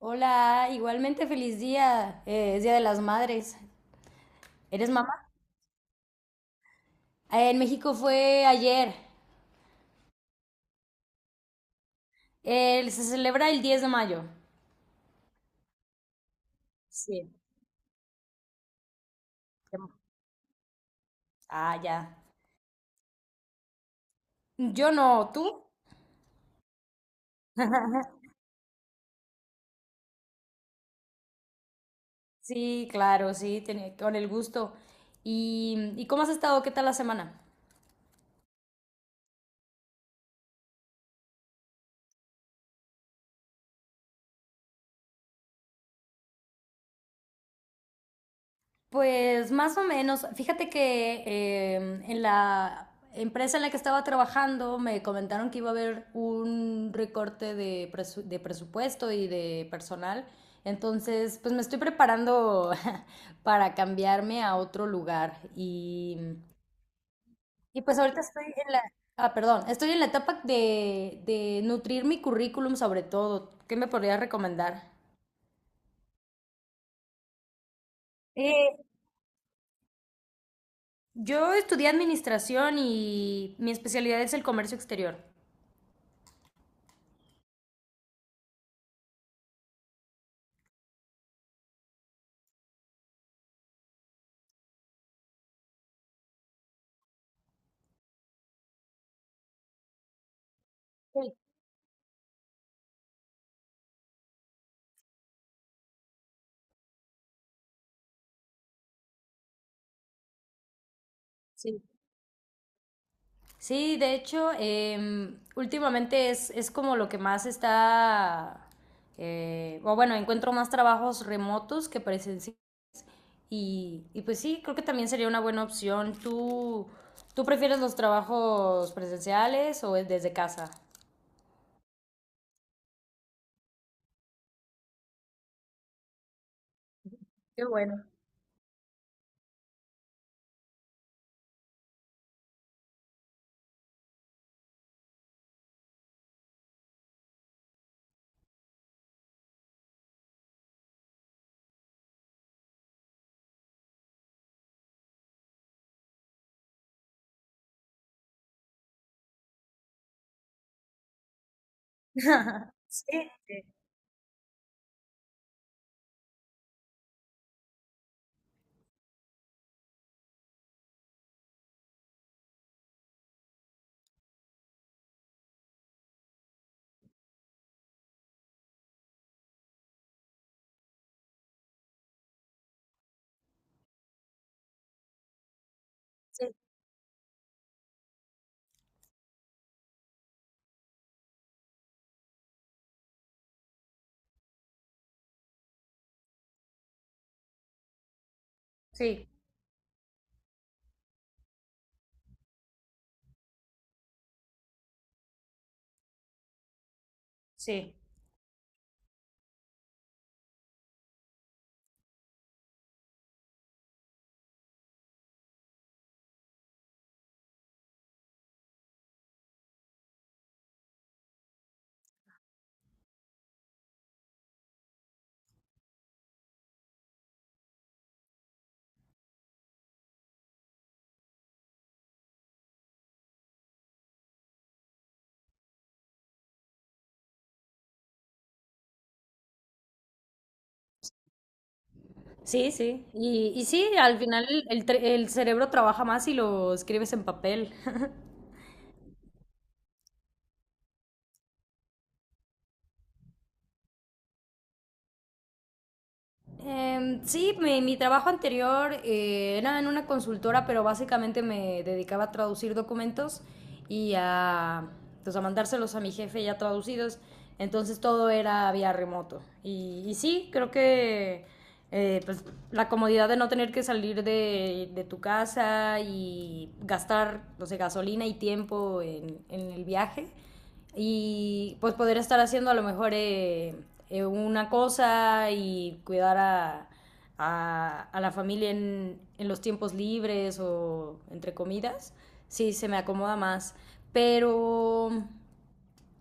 Hola, igualmente feliz día. Es Día de las Madres. ¿Eres mamá? En México fue ayer. Se celebra el 10 de mayo. Sí. Ah, ya. Yo no, ¿tú? Sí, claro, sí, con el gusto. ¿Y cómo has estado? ¿Qué tal la semana? Pues más o menos, fíjate que en la empresa en la que estaba trabajando me comentaron que iba a haber un recorte de presupuesto y de personal. Entonces, pues me estoy preparando para cambiarme a otro lugar. Y pues ahorita estoy en la... Ah, perdón, estoy en la etapa de nutrir mi currículum sobre todo. ¿Qué me podrías recomendar? Yo estudié administración y mi especialidad es el comercio exterior. Sí, sí. Sí, de hecho, últimamente es como lo que más está, o bueno, encuentro más trabajos remotos que presenciales. Y pues sí, creo que también sería una buena opción. ¿Tú prefieres los trabajos presenciales o es desde casa? Qué bueno. Sí, sí, sí. Sí, sí. Sí, sí. Y sí, al final el cerebro trabaja más si lo escribes en papel. Sí, mi trabajo anterior era en una consultora, pero básicamente me dedicaba a traducir documentos y a, pues, a mandárselos a mi jefe ya traducidos. Entonces todo era vía remoto. Y sí, creo que pues, la comodidad de no tener que salir de tu casa y gastar, no sé, gasolina y tiempo en el viaje y pues poder estar haciendo a lo mejor una cosa y cuidar a la familia los tiempos libres o entre comidas, sí, se me acomoda más. Pero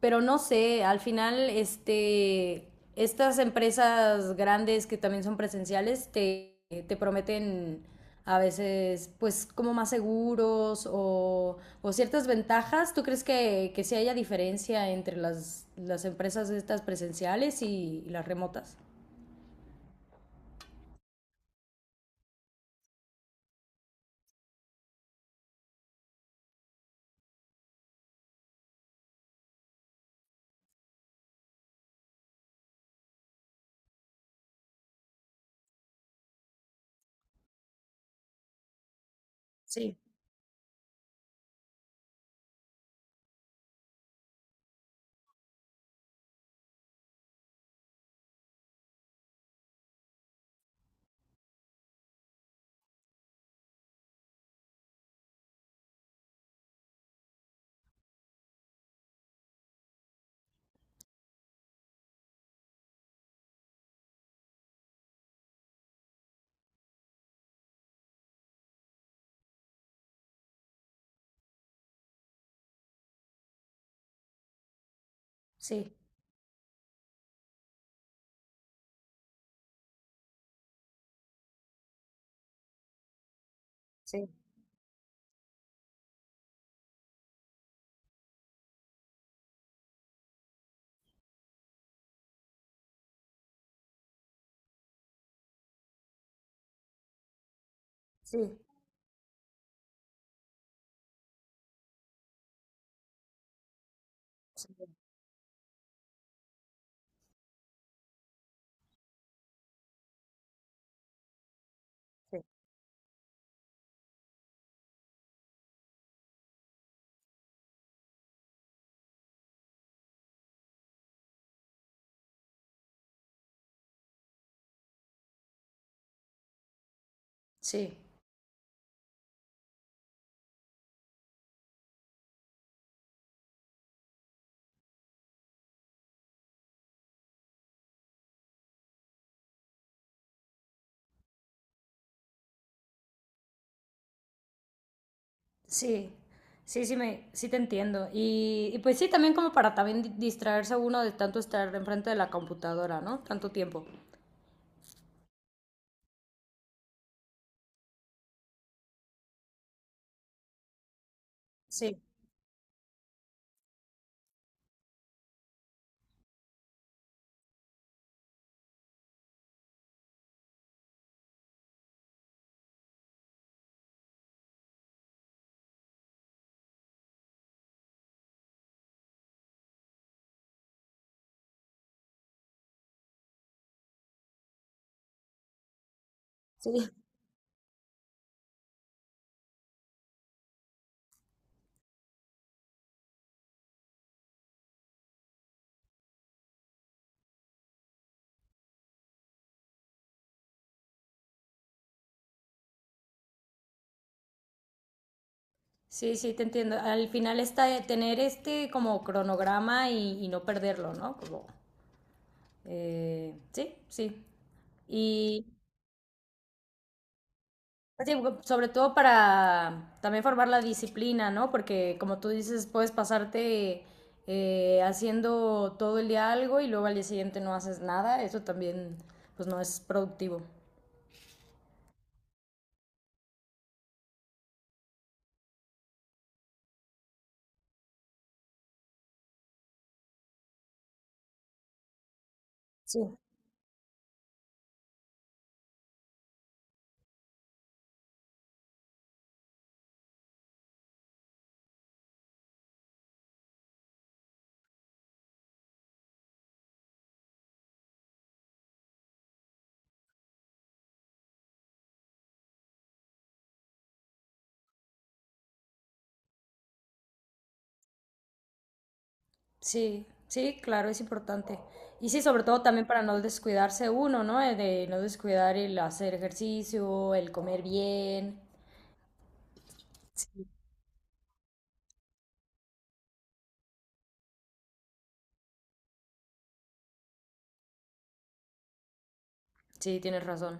pero no sé, al final, estas empresas grandes que también son presenciales te prometen a veces, pues, como más seguros o ciertas ventajas. ¿Tú crees que sí haya diferencia entre las empresas estas presenciales y las remotas? Sí, sí, sí, sí, sí. Sí. Sí, sí, sí, sí te entiendo. Y pues sí, también como para también distraerse uno de tanto estar enfrente de la computadora, ¿no? Tanto tiempo. Sí, sí. Sí, sí, te entiendo. Al final está de tener este como cronograma y no perderlo, ¿no? Como, sí, sí. Y, sí, sobre todo para también formar la disciplina, ¿no? Porque como tú dices, puedes pasarte haciendo todo el día algo y luego al día siguiente no haces nada. Eso también, pues no es productivo. Sí. Sí, sí, claro, es importante. Y sí, sobre todo también para no descuidarse uno, ¿no? De no descuidar el hacer ejercicio, el comer bien. Sí, tienes razón.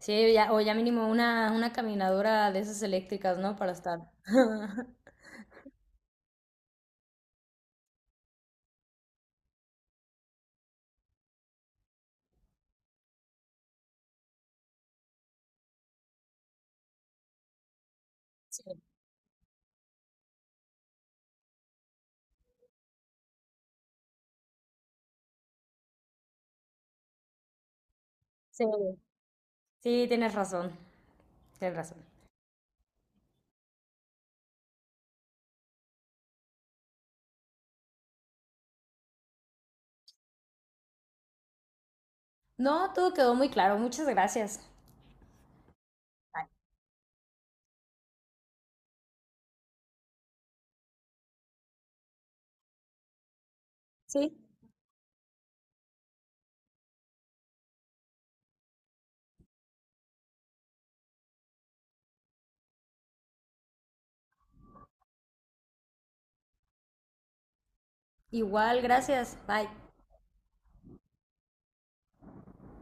Sí, ya, o ya mínimo una caminadora de esas eléctricas, ¿no? Para estar. Sí, sí. Sí, tienes razón, tienes razón. No, todo quedó muy claro. Muchas gracias. Bye. Sí, igual, gracias. Bye.